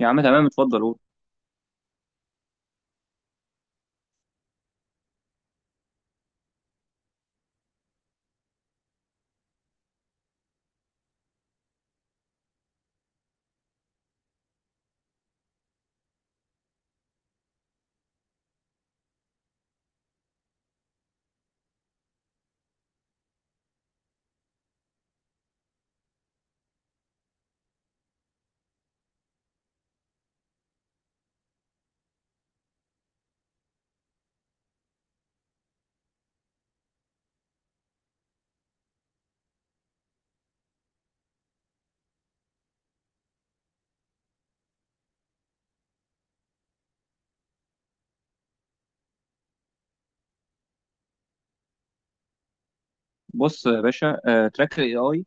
يا عم، تمام، اتفضل قول. بص يا باشا، تراك الاي اي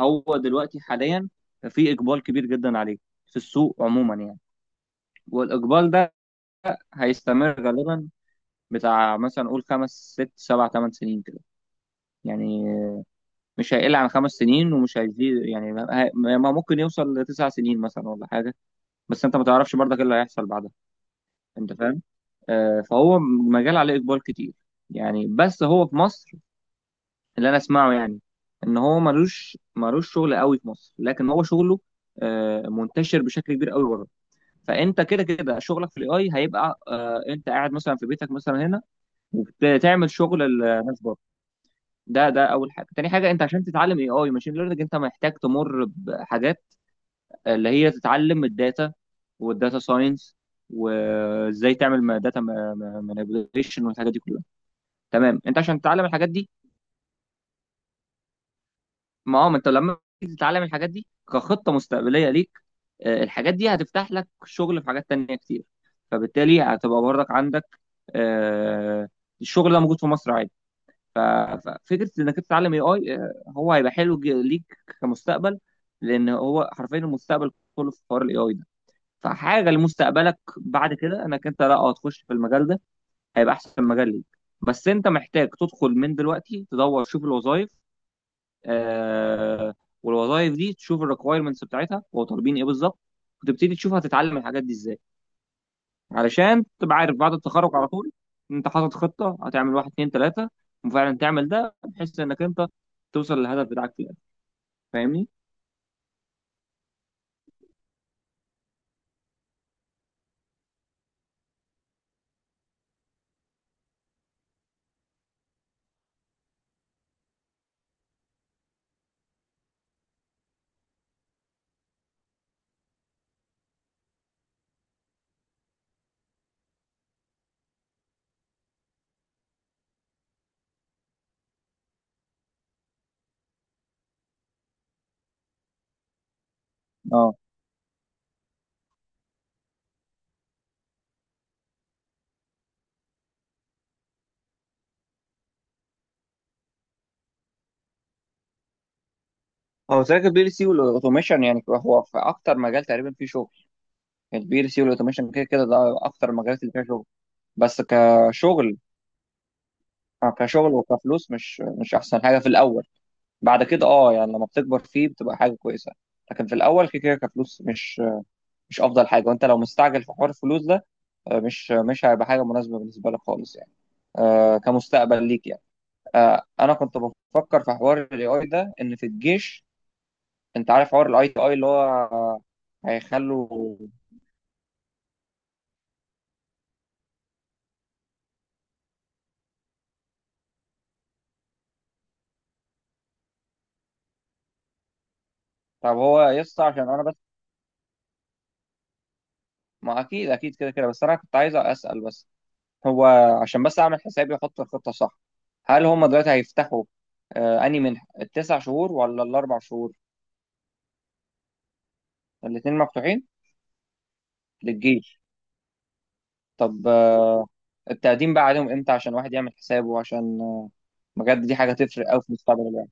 هو دلوقتي حاليا في اقبال كبير جدا عليه في السوق عموما، يعني. والاقبال ده هيستمر غالبا بتاع مثلا قول خمس ست سبع ثمان سنين كده، يعني. مش هيقل عن خمس سنين ومش هيزيد، يعني ما ممكن يوصل لتسع سنين مثلا ولا حاجه. بس انت ما تعرفش برضك ايه اللي هيحصل بعدها. انت فاهم؟ فهو مجال عليه اقبال كتير، يعني. بس هو في مصر، اللي انا اسمعه يعني، ان هو ملوش شغل قوي في مصر، لكن هو شغله منتشر بشكل كبير قوي بره. فانت كده كده شغلك في الاي هيبقى، انت قاعد مثلا في بيتك مثلا هنا وبتعمل شغل الناس بره. ده اول حاجه. تاني حاجه، انت عشان تتعلم اي اي ماشين ليرنينج انت محتاج تمر بحاجات اللي هي تتعلم الداتا والداتا ساينس، وازاي تعمل داتا مانيبيوليشن والحاجات دي كلها. تمام. انت عشان تتعلم الحاجات دي، ما هو ما انت لما تيجي تتعلم الحاجات دي كخطه مستقبليه ليك، الحاجات دي هتفتح لك شغل في حاجات تانية كتير. فبالتالي هتبقى برضك عندك، آه، الشغل ده موجود في مصر عادي. ف- ففكره انك تتعلم اي اي هو هيبقى حلو ليك، كمستقبل، لان هو حرفيا المستقبل كله في حوار الاي اي ده. فحاجه لمستقبلك بعد كده انك انت، لا، تخش في المجال ده هيبقى احسن مجال ليك. بس انت محتاج تدخل من دلوقتي، تدور تشوف الوظائف، آه والوظائف دي تشوف الريكوايرمنتس بتاعتها هو طالبين ايه بالظبط، وتبتدي تشوف هتتعلم الحاجات دي ازاي، علشان تبقى عارف بعد التخرج على طول، إن انت حاطط خطه هتعمل واحد اتنين تلاته، وفعلا تعمل ده بحيث انك انت توصل للهدف بتاعك في الاخر. فاهمني؟ اه، هو تراك البي ال سي والاوتوميشن، يعني هو في اكتر مجال تقريبا فيه شغل. البي ال سي والاوتوميشن كده كده ده اكتر المجالات اللي فيها شغل، بس كشغل. كشغل وكفلوس مش احسن حاجه في الاول. بعد كده اه، يعني لما بتكبر فيه بتبقى حاجه كويسه. لكن في الاول كده كده كفلوس مش افضل حاجه، وانت لو مستعجل في حوار الفلوس ده، مش هيبقى حاجه مناسبه بالنسبه لك خالص يعني، كمستقبل ليك يعني. انا كنت بفكر في حوار الاي اي ده ان في الجيش. انت عارف حوار الاي تي اي اللي هو، هيخلوا. طب هو يسطا، عشان انا بس، ما اكيد اكيد كده كده، بس انا كنت عايز اسال بس هو عشان بس اعمل حسابي احط الخطه صح. هل هم دلوقتي هيفتحوا، اني منها التسع شهور ولا الاربع شهور؟ الاثنين مفتوحين للجيش. طب، التقديم بقى عليهم امتى عشان الواحد يعمل حسابه، عشان بجد دي حاجه تفرق قوي في مستقبل الواحد.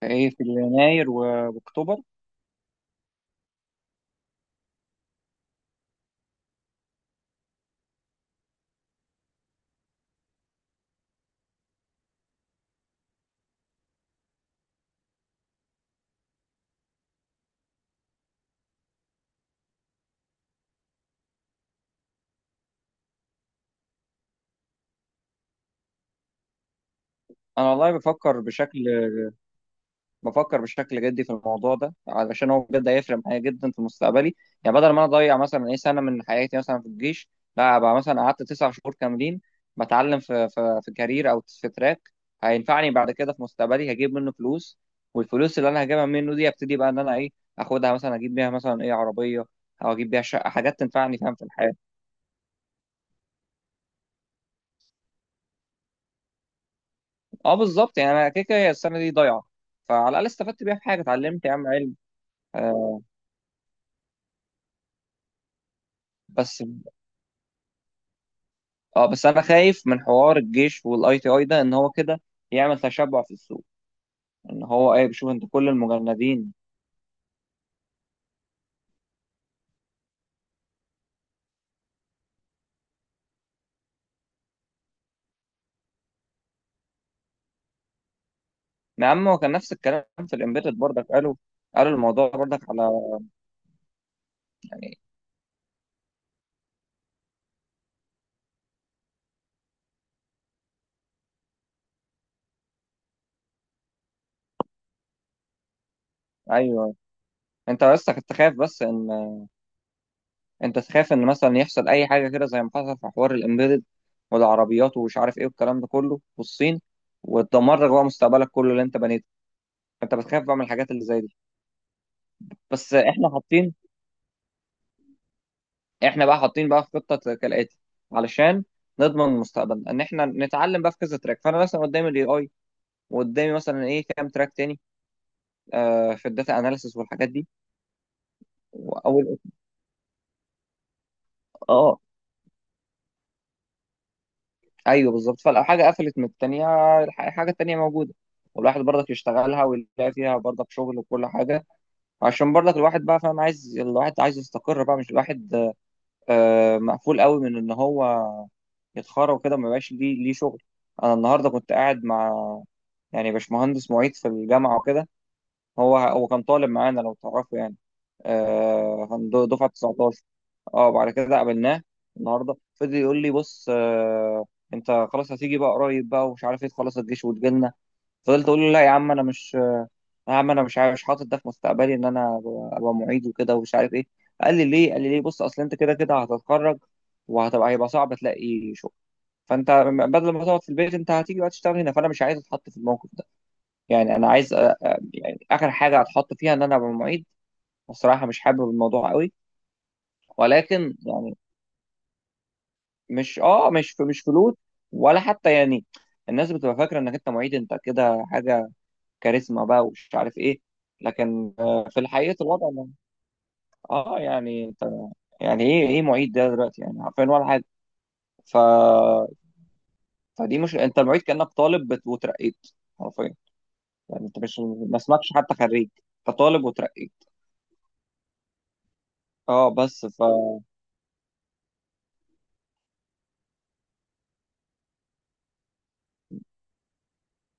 فايه في يناير واكتوبر. انا والله بفكر بشكل، بفكر بشكل جدي في الموضوع ده علشان هو بجد هيفرق معايا جدا في مستقبلي. يعني بدل ما انا اضيع مثلا، ايه، سنه من حياتي مثلا في الجيش، لا، ابقى مثلا قعدت تسع شهور كاملين بتعلم في كارير او في تراك هينفعني بعد كده في مستقبلي، هجيب منه فلوس. والفلوس اللي انا هجيبها منه دي ابتدي بقى ان انا، ايه، اخدها مثلا اجيب بيها مثلا، ايه، عربيه، او اجيب بيها شقه، حاجات تنفعني، فاهم، في الحياه. اه بالظبط، يعني انا كده كده هي السنه دي ضايعه. فعلى الاقل استفدت بيها في حاجه، اتعلمت يا عم علم. آه بس اه بس انا خايف من حوار الجيش والاي تي اي ده ان هو كده يعمل تشبع في السوق، ان هو، ايه، بيشوف انت كل المجندين. يا عم، هو كان نفس الكلام في الامبيدد برضك، قالوا الموضوع برضك على، يعني. ايوه انت بس كنت خايف بس ان انت تخاف ان مثلا يحصل اي حاجه كده زي ما حصل في حوار الامبيدد والعربيات ومش عارف ايه والكلام ده كله، والصين، وتدمر لك بقى مستقبلك كله اللي انت بنيته. انت بتخاف بقى من الحاجات اللي زي دي. بس احنا حاطين احنا بقى حاطين بقى في خطه كالاتي علشان نضمن مستقبلنا ان احنا نتعلم بقى في كذا تراك. فانا مثلا قدامي الاي اي، وقدامي مثلا، ايه، كام تراك تاني، في الداتا اناليسيس والحاجات دي. واول اه ايوه بالظبط، فلو حاجه قفلت من التانيه، الحاجه التانيه موجوده، والواحد برضك يشتغلها ويلاقي فيها برضك شغل وكل حاجه. عشان برضك الواحد بقى فاهم، عايز الواحد عايز يستقر بقى، مش الواحد مقفول قوي من ان هو يتخرج كده ما يبقاش ليه شغل. انا النهارده كنت قاعد مع، يعني، باشمهندس معيد في الجامعة وكده. هو كان طالب معانا لو تعرفوا يعني، دفعة 19. اه بعد كده قابلناه النهارده فضل يقول لي: بص، انت خلاص هتيجي بقى قريب بقى ومش عارف ايه، تخلص الجيش وتجيلنا. فضلت اقول له: لا يا عم انا مش، يا عم انا مش عارف، مش حاطط ده في مستقبلي ان انا أبقى معيد وكده ومش عارف ايه. قال لي ليه بص، اصل انت كده كده هتتخرج، هيبقى صعب تلاقي شغل. فانت بدل ما تقعد في البيت انت هتيجي بقى تشتغل هنا. فانا مش عايز اتحط في الموقف ده. يعني انا عايز يعني اخر حاجه هتحط فيها ان انا ابقى معيد. بصراحه مش حابب الموضوع قوي. ولكن يعني مش اه مش في مش فلوس، ولا حتى يعني، الناس بتبقى فاكره انك انت معيد انت كده حاجه، كاريزما بقى ومش عارف ايه. لكن في الحقيقه الوضع يعني انت، يعني ايه معيد ده دلوقتي، يعني عارفين ولا حاجه. ف فدي، مش انت المعيد كانك طالب وترقيت حرفيا. يعني انت مش، ما اسمكش حتى خريج، انت طالب وترقيت. اه بس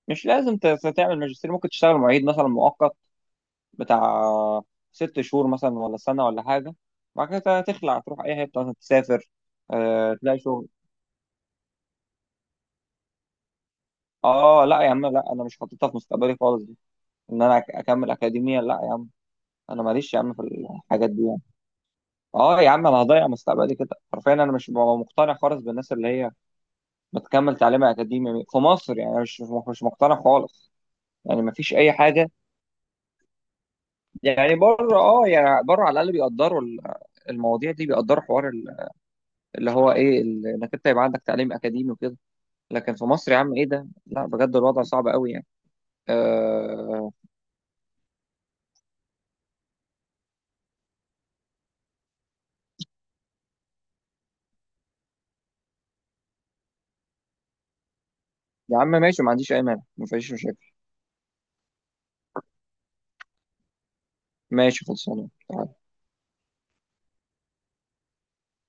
مش لازم تعمل ماجستير. ممكن تشتغل معيد مثلا مؤقت بتاع ست شهور مثلا ولا سنة ولا حاجة. بعد كده تخلع تروح أي حتة، مثلا تسافر، تلاقي شغل. اه لا يا عم، لا، انا مش حاططها في مستقبلي خالص دي، ان انا اكمل اكاديميا. لا يا عم، انا ماليش يا عم في الحاجات دي يعني. اه يا عم انا هضيع مستقبلي كده حرفيا. انا مش ببقى مقتنع خالص بالناس اللي هي بتكمل تعليمها اكاديمي في مصر، يعني أنا مش مقتنع خالص، يعني مفيش اي حاجة. يعني بره، اه، يعني بره على الاقل بيقدروا المواضيع دي، بيقدروا حوار اللي هو ايه انك انت يبقى عندك تعليم اكاديمي وكده. لكن في مصر يا عم، ايه ده، لا، بجد الوضع صعب قوي يعني. آه يا عم ماشي، ما عنديش اي مانع، ما فيش مشاكل. ماشي، خلصانه.